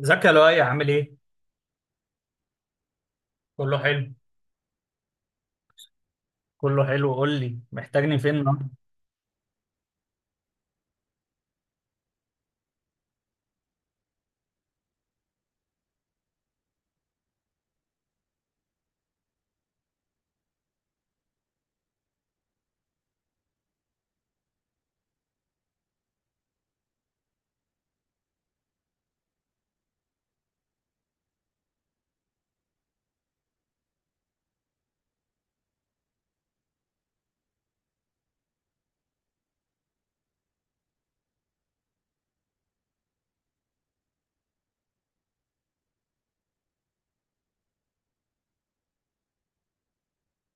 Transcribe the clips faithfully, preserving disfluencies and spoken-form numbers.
ازيك يا لؤي، عامل ايه؟ كله حلو. كله حلو، قول لي محتاجني فين النهارده؟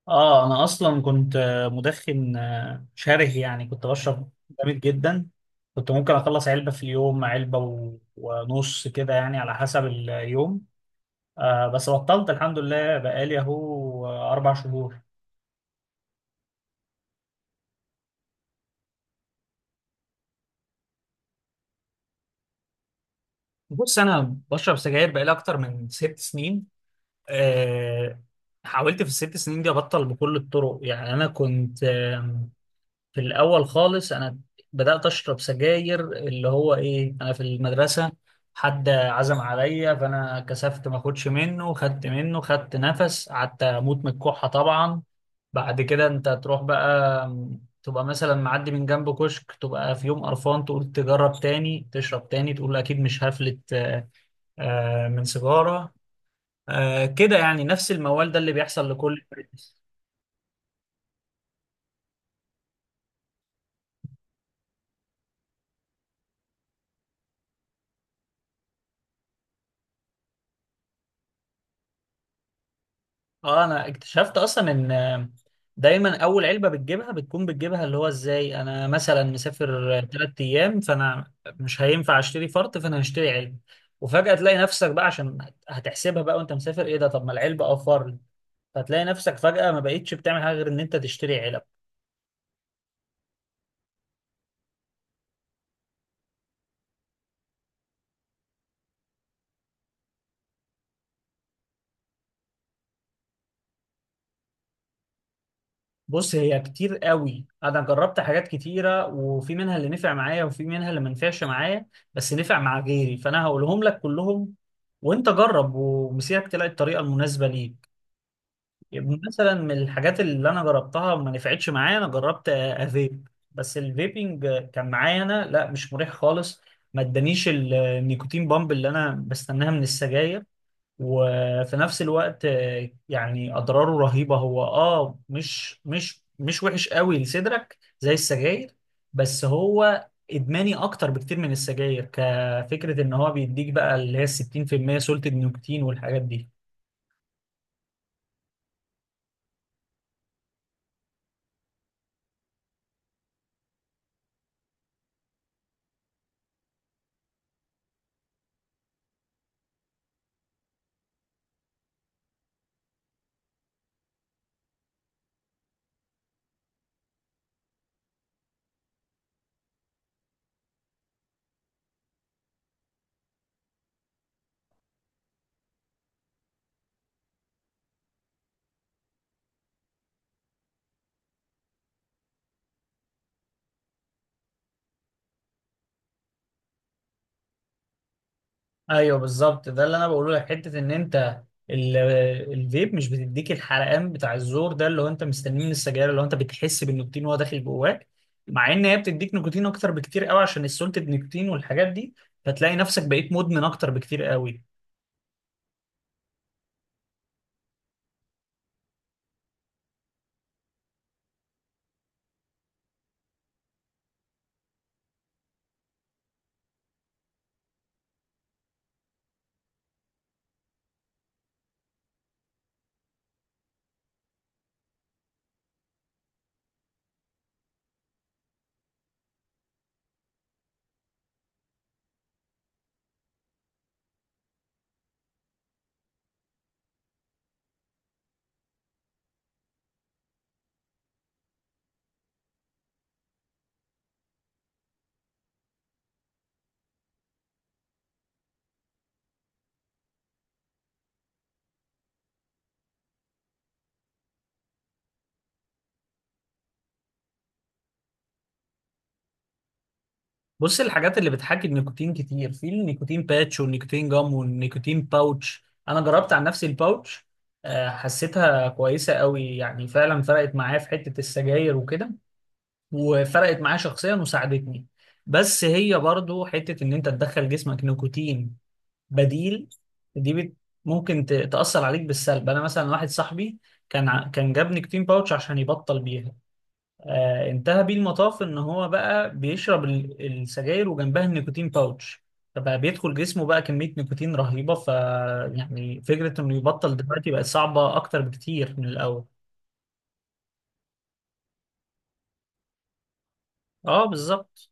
اه، انا اصلا كنت آه، مدخن آه، شره، يعني كنت بشرب جامد جدا. كنت ممكن اخلص علبة في اليوم، علبة و- ونص كده يعني، على حسب اليوم. آه، بس بطلت الحمد لله، بقالي اهو آه، اربع شهور. بص، انا بشرب سجاير بقالي اكتر من ست سنين. آه. حاولت في الست سنين دي ابطل بكل الطرق، يعني انا كنت آم، في الأول خالص أنا بدأت أشرب سجاير، اللي هو إيه، أنا في المدرسة حد عزم عليا، فأنا كسفت ما أخدش منه، خدت منه، خدت نفس، قعدت أموت من الكحة طبعا. بعد كده أنت تروح بقى، م، تبقى مثلا معدي من جنب كشك، تبقى في يوم قرفان، تقول تجرب تاني، تشرب تاني، تقول أكيد مش هفلت آه، آه، من سيجارة. آه، كده يعني نفس الموال ده اللي بيحصل لكل الناس. اه، انا اكتشفت اصلا ان دايما اول علبه بتجيبها، بتكون بتجيبها اللي هو ازاي، انا مثلا مسافر ثلاث ايام، فانا مش هينفع اشتري فرط، فانا هشتري علبه. وفجاه تلاقي نفسك بقى، عشان هتحسبها بقى وانت مسافر، ايه ده طب ما العلبه اه فرد. فتلاقي نفسك فجاه ما بقيتش بتعمل حاجه غير ان انت تشتري علب. بص، هي كتير قوي، انا جربت حاجات كتيره، وفي منها اللي نفع معايا وفي منها اللي ما نفعش معايا، بس نفع مع غيري، فانا هقولهم لك كلهم، وانت جرب ومسيرك تلاقي الطريقه المناسبه ليك. يبقى مثلا من الحاجات اللي انا جربتها ما نفعتش معايا، انا جربت آه، افيب، بس الفيبنج آه، كان معايا انا لا، مش مريح خالص. ما ادانيش ال- النيكوتين بامب اللي انا بستناها من السجاير، وفي نفس الوقت آه، يعني اضراره رهيبة. هو اه مش مش مش وحش قوي لصدرك زي السجاير، بس هو ادماني اكتر بكتير من السجاير، كفكرة ان هو بيديك بقى اللي هي ستين في المية سلطة نيكوتين والحاجات دي. ايوه بالظبط، ده اللي انا بقوله لك، حته ان انت ال- الفيب مش بتديك الحرقان بتاع الزور، ده اللي هو انت مستنيه من السجاير، اللي هو انت بتحس بالنيكوتين وهو داخل جواك، مع ان هي بتديك نيكوتين اكتر بكتير قوي عشان السولتد نيكوتين والحاجات دي. فتلاقي نفسك بقيت مدمن اكتر بكتير قوي. بص، الحاجات اللي بتحاكي النيكوتين كتير، في النيكوتين باتش والنيكوتين جام والنيكوتين باوتش. انا جربت عن نفسي الباوتش، آه، حسيتها كويسه قوي يعني، فعلا فرقت معايا في حته السجاير وكده، وفرقت معايا شخصيا وساعدتني. بس هي برضو حتة ان انت تدخل جسمك نيكوتين بديل، دي بت ممكن ت- تأثر عليك بالسلب. انا مثلا واحد صاحبي كان ع- كان جاب نيكوتين باوتش عشان يبطل بيها. آه، انتهى بيه المطاف ان هو بقى بيشرب ال- السجاير وجنبها النيكوتين باوتش، فبقى بيدخل جسمه بقى كمية نيكوتين رهيبة. ف، يعني فكرة انه يبطل دلوقتي بقت صعبة اكتر بكتير من الاول. اه بالظبط.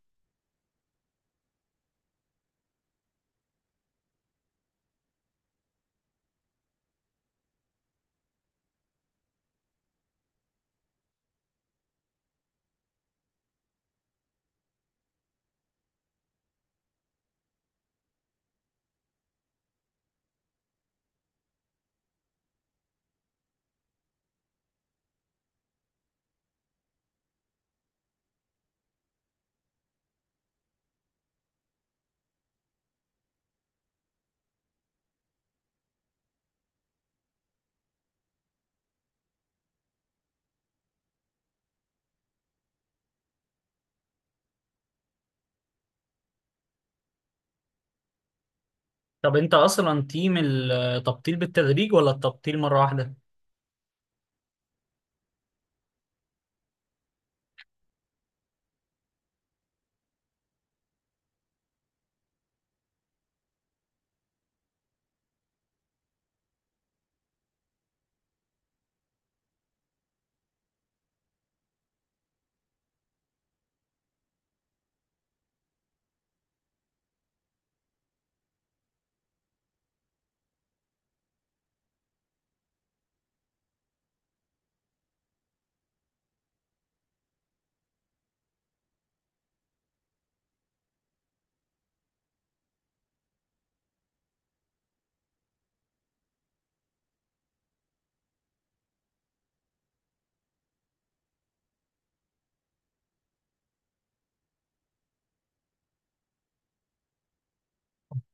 طب انت اصلا تيم التبطيل بالتدريج ولا التبطيل مرة واحدة؟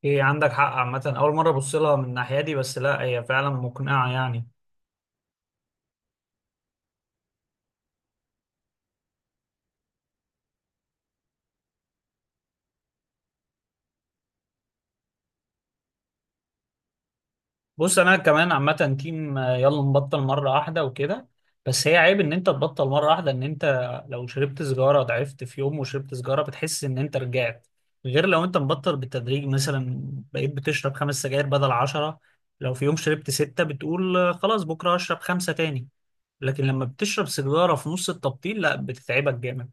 ايه، عندك حق. عامة أول مرة أبص لها من الناحية دي، بس لا هي فعلا مقنعة يعني. بص، أنا كمان عامة تيم، آه، يلا نبطل مرة واحدة وكده. بس هي عيب إن أنت تبطل مرة واحدة، إن أنت لو شربت سيجارة، ضعفت في يوم وشربت سيجارة، بتحس إن أنت رجعت. غير لو أنت مبطل بالتدريج، مثلا بقيت بتشرب خمس سجاير بدل عشرة، لو في يوم شربت ستة بتقول آه، خلاص بكرة هشرب خمسة تاني. لكن لما بتشرب سيجارة في نص التبطيل، لا، بتتعبك جامد.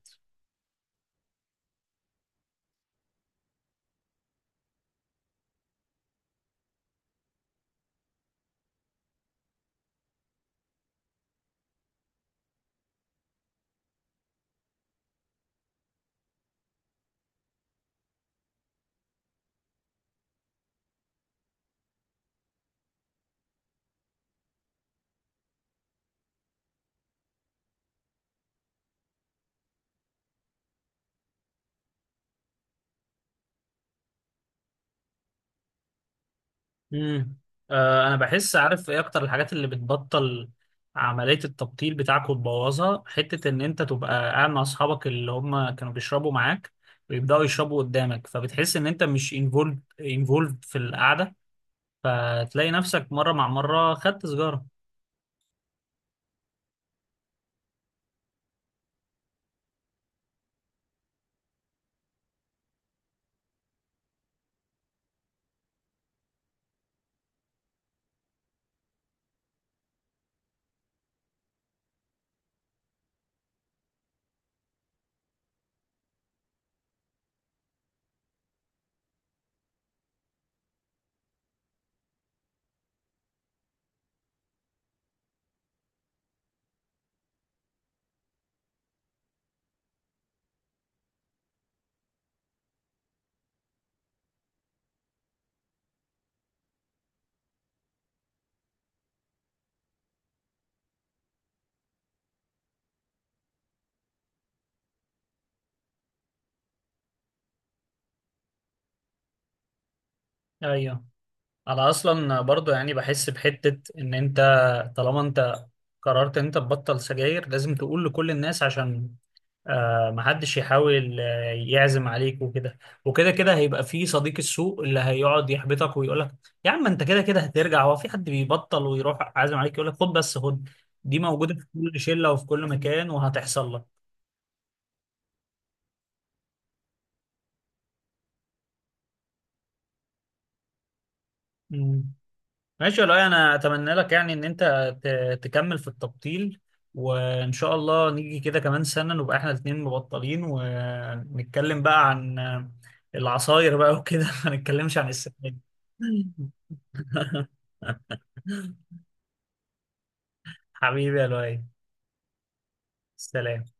امم. آه، انا بحس عارف ايه اكتر الحاجات اللي بتبطل عملية التبطيل بتاعك وتبوظها، حتة ان انت تبقى قاعد مع اصحابك اللي هم كانوا بيشربوا معاك، ويبدأوا يشربوا قدامك، فبتحس ان انت مش انفولد، انفولد في القعدة، فتلاقي نفسك مرة مع مرة خدت سيجارة. ايوه، انا اصلا برضو يعني بحس بحتة ان انت، طالما انت قررت ان انت تبطل سجاير، لازم تقول لكل الناس، عشان آه محدش يحاول آه، يعزم عليك وكده. وكده كده هيبقى في صديق السوق اللي هيقعد يحبطك ويقول لك يا عم انت كده كده هترجع. هو في حد بيبطل ويروح عازم عليك يقول لك خد بس خد؟ دي موجودة في كل شلة وفي كل مكان وهتحصل لك. مم. ماشي والله، انا اتمنى لك يعني ان انت ت- تكمل في التبطيل، وان شاء الله نيجي كده كمان سنة نبقى احنا الاتنين مبطلين ونتكلم بقى عن آه، العصاير بقى وكده ما نتكلمش عن السكين حبيبي يا لؤي، سلام.